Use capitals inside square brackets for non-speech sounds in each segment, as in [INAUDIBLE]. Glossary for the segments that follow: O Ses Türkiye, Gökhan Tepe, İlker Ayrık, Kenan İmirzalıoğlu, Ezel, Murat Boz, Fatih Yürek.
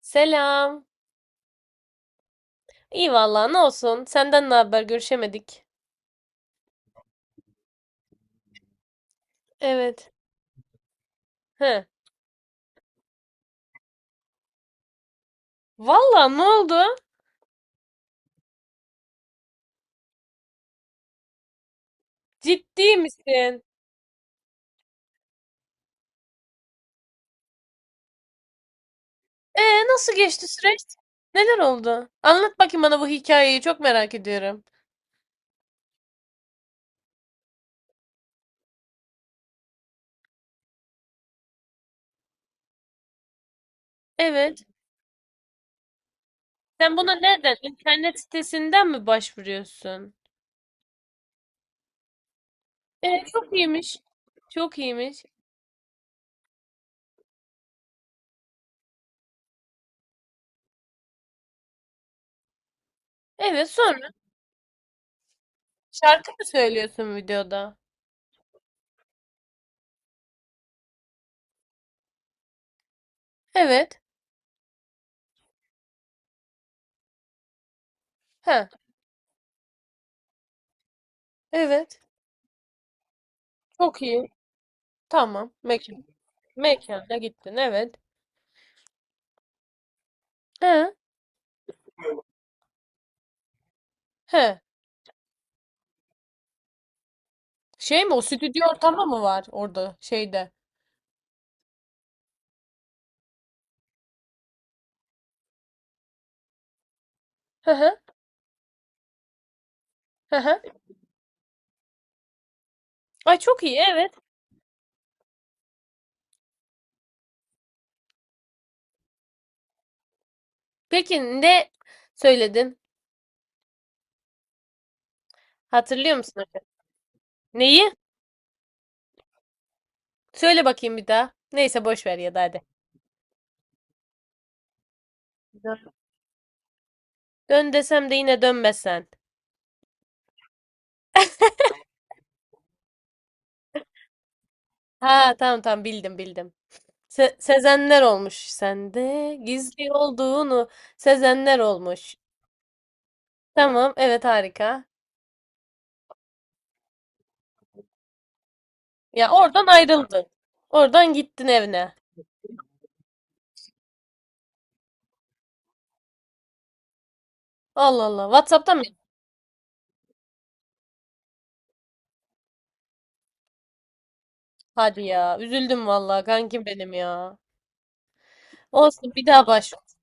Selam. İyi vallahi ne olsun. Senden ne haber? Görüşemedik. Evet. He. Vallahi ne oldu? Ciddi misin? Nasıl geçti süreç? Neler oldu? Anlat bakayım bana bu hikayeyi. Çok merak ediyorum. Evet. Sen buna nereden? İnternet sitesinden mi başvuruyorsun? Çok iyiymiş. Çok iyiymiş. Evet sonra şarkı mı söylüyorsun videoda? Evet. He. Evet. Çok iyi. Tamam. Peki. Mekana gittin, evet. He. He. Şey mi, o stüdyo ortamı mı var orada şeyde? Hı hı. Hı hı. Ay çok iyi, evet. Peki ne söyledin? Hatırlıyor musun acaba? Neyi? Söyle bakayım bir daha. Neyse boş ver ya da hadi. Dön. Dön desem de yine dönmezsen. Ha tamam tamam, bildim bildim. Sezenler olmuş sende. Gizli olduğunu Sezenler olmuş. Tamam, evet, harika. Ya oradan ayrıldın. Oradan gittin evine. Allah Allah. WhatsApp'tan mı? Hadi ya. Üzüldüm vallahi kankim benim ya. Olsun, bir daha başvur.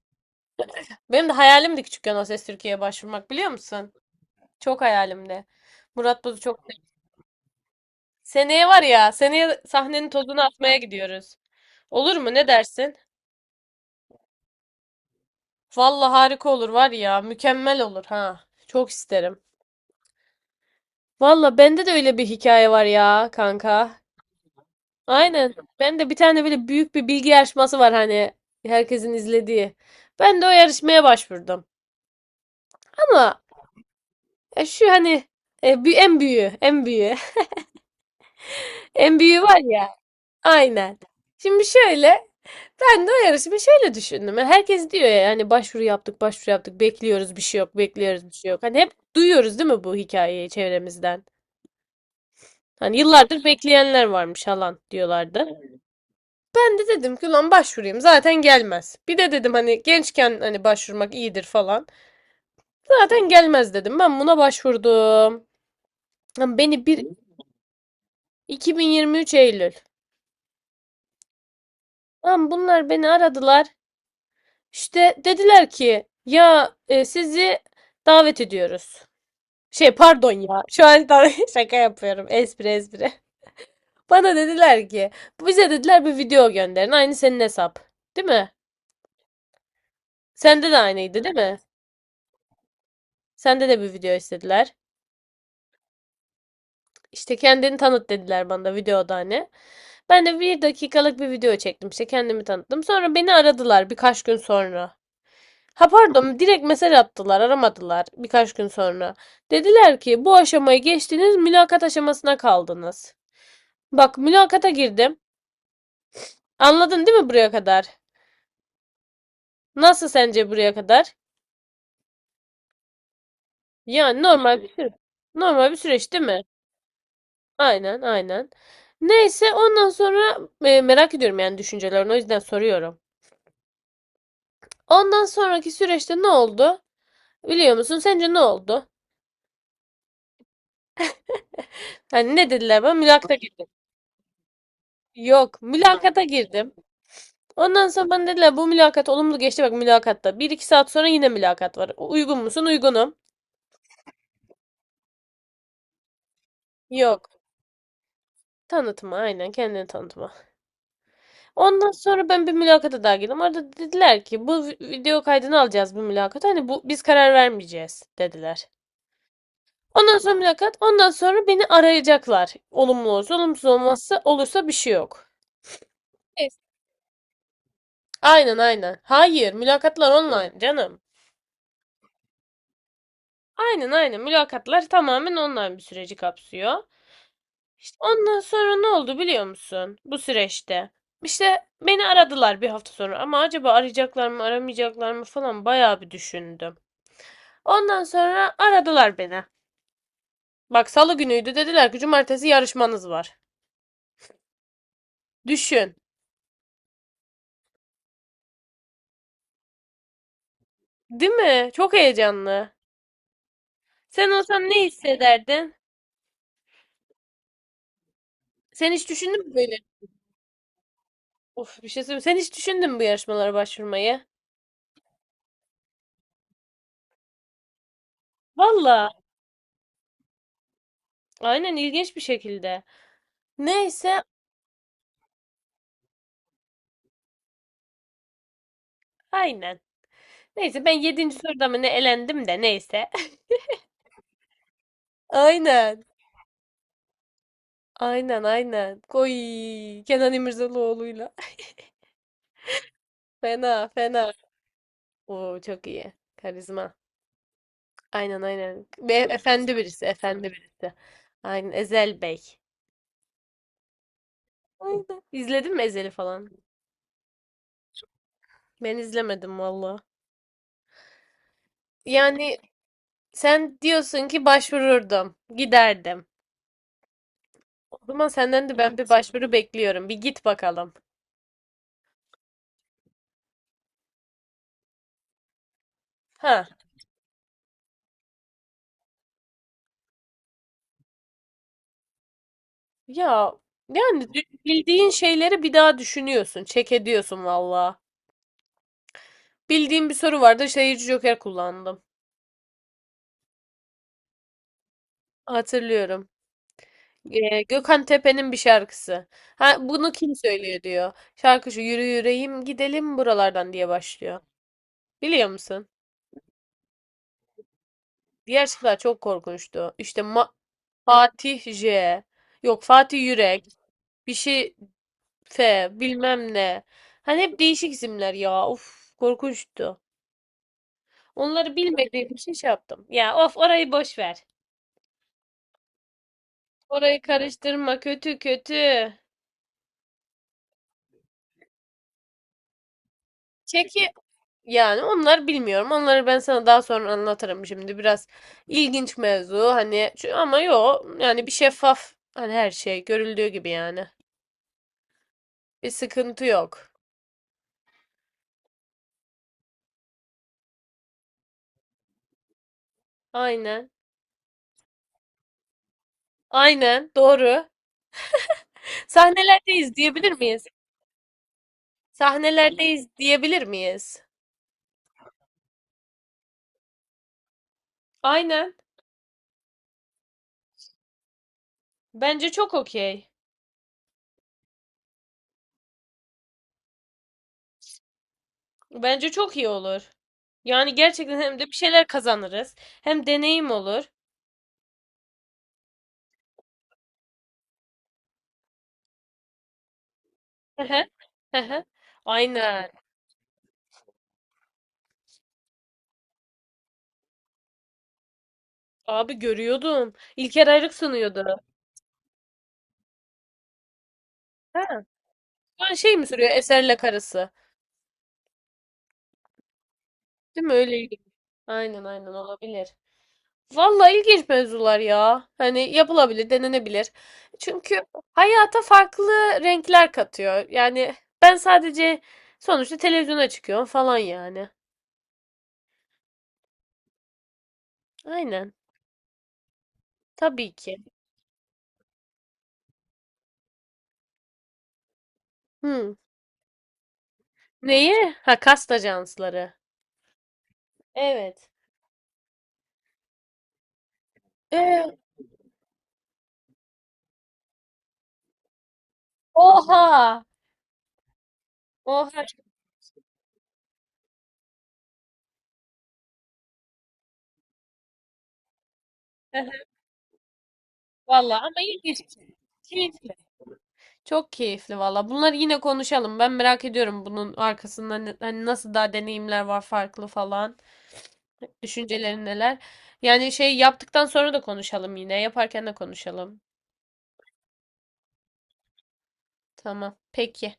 Benim de hayalimdi küçükken O Ses Türkiye'ye başvurmak, biliyor musun? Çok hayalimdi. Murat Boz'u çok. Seneye var ya, seneye sahnenin tozunu atmaya gidiyoruz. Olur mu? Ne dersin? Vallahi harika olur var ya. Mükemmel olur ha. Çok isterim. Valla bende de öyle bir hikaye var ya kanka. Aynen. Ben de bir tane böyle büyük bir bilgi yarışması var, hani herkesin izlediği. Ben de o yarışmaya başvurdum. Ama ya şu hani bir en büyüğü, en büyüğü, [LAUGHS] en büyüğü var ya. Aynen. Şimdi şöyle, ben de o yarışımı şöyle düşündüm. Yani herkes diyor ya hani, başvuru yaptık, başvuru yaptık, bekliyoruz bir şey yok, bekliyoruz bir şey yok. Hani hep duyuyoruz değil mi bu hikayeyi çevremizden? Hani yıllardır bekleyenler varmış falan diyorlardı. Ben de dedim ki lan başvurayım, zaten gelmez. Bir de dedim hani gençken hani başvurmak iyidir falan. Zaten gelmez dedim. Ben buna başvurdum. Lan Beni bir 2023 Eylül. Lan bunlar beni aradılar. İşte dediler ki ya, sizi davet ediyoruz. Şey pardon ya. Şu an da [LAUGHS] şaka yapıyorum. Espri espri. Bana dediler ki, bize dediler bir video gönderin. Aynı senin hesap. Değil mi? Sende de aynıydı değil mi? Sende de bir video istediler. İşte kendini tanıt dediler bana da videoda hani. Ben de bir dakikalık bir video çektim. İşte kendimi tanıttım. Sonra beni aradılar birkaç gün sonra. Ha pardon, direkt mesaj attılar, aramadılar birkaç gün sonra. Dediler ki bu aşamayı geçtiniz, mülakat aşamasına kaldınız. Bak, mülakata girdim. Anladın değil mi buraya kadar? Nasıl sence buraya kadar? Yani normal bir süreç. Normal bir süreç değil mi? Aynen, aynen. Neyse ondan sonra, merak ediyorum yani düşüncelerini, o yüzden soruyorum. Ondan sonraki süreçte ne oldu? Biliyor musun? Sence ne oldu? Hani ne dediler bana? Mülakata girdim. Yok, mülakata girdim. Ondan sonra bana dediler bu mülakat olumlu geçti bak, mülakatta. Bir iki saat sonra yine mülakat var. Uygun musun? Uygunum. Yok. Tanıtma, aynen kendini tanıtma. Ondan sonra ben bir mülakata daha girdim. Orada dediler ki bu video kaydını alacağız bu mülakata. Hani bu biz karar vermeyeceğiz dediler. Ondan sonra mülakat. Ondan sonra beni arayacaklar. Olumlu olursa, olumsuz olmazsa olursa bir şey yok. Neyse. Aynen, aynen. Hayır, mülakatlar online canım. Aynen aynen, mülakatlar tamamen online bir süreci kapsıyor. İşte ondan sonra ne oldu biliyor musun? Bu süreçte. İşte beni aradılar bir hafta sonra, ama acaba arayacaklar mı aramayacaklar mı falan bayağı bir düşündüm. Ondan sonra aradılar beni. Bak salı günüydü, dediler ki cumartesi yarışmanız var. Düşün. Değil mi? Çok heyecanlı. Sen olsan ne hissederdin? Sen hiç düşündün mü böyle? Of, bir şey söyleyeyim. Sen hiç düşündün mü bu yarışmalara başvurmayı? Valla. Aynen, ilginç bir şekilde. Neyse aynen. Neyse ben yedinci soruda mı ne elendim de, neyse. Aynen. Aynen, aynen. Kenan İmirzalıoğlu'yla. [LAUGHS] Fena fena. Oo çok iyi. Karizma. Aynen aynen. Ve efendi birisi. Efendi birisi. Aynen. Ezel Bey. Aynen. İzledin mi Ezel'i falan? Ben izlemedim valla. Yani sen diyorsun ki, başvururdum. Giderdim. O zaman senden de ben bir başvuru bekliyorum. Bir git bakalım. Ha. Ya yani bildiğin şeyleri bir daha düşünüyorsun. Çek ediyorsun valla. Bildiğim bir soru vardı. Seyirci Joker kullandım. Hatırlıyorum. Gökhan Tepe'nin bir şarkısı. Ha, bunu kim söylüyor diyor. Şarkı şu, yürü yüreğim gidelim buralardan diye başlıyor. Biliyor musun? Diğer şarkılar çok korkunçtu. İşte Fatih J. Yok, Fatih Yürek. Bir şey F. Bilmem ne. Hani hep değişik isimler ya. Of korkunçtu. Onları bilmediğim için şey yaptım. Ya of, orayı boş ver. Orayı karıştırma, kötü kötü. Çekil. Yani onlar bilmiyorum. Onları ben sana daha sonra anlatırım şimdi. Biraz ilginç mevzu hani, ama yok yani bir şeffaf, hani her şey görüldüğü gibi yani. Bir sıkıntı yok. Aynen. Aynen doğru. Sahnelerdeyiz diyebilir miyiz? Sahnelerdeyiz diyebilir miyiz? Aynen. Bence çok okey. Bence çok iyi olur. Yani gerçekten hem de bir şeyler kazanırız. Hem deneyim olur. Hı hı. Hı hı. Aynen. Abi görüyordum. İlker Ayrık sunuyordu. Ha, şu an şey mi sürüyor? Eserle karısı. Değil mi? Öyle ilginç. Aynen aynen, olabilir. Vallahi ilginç mevzular ya. Hani yapılabilir, denenebilir. Çünkü hayata farklı renkler katıyor. Yani ben sadece sonuçta televizyona çıkıyorum falan yani. Aynen. Tabii ki. Hı. Neyi? Ha, kast ajansları. Evet. Ee, oha. Oha. [LAUGHS] Vallahi ama ilginç. Keyifli. Çok keyifli valla. Bunları yine konuşalım. Ben merak ediyorum bunun arkasında hani nasıl daha deneyimler var farklı falan. Düşüncelerin neler? Yani şey yaptıktan sonra da konuşalım yine. Yaparken de konuşalım. Tamam. Peki.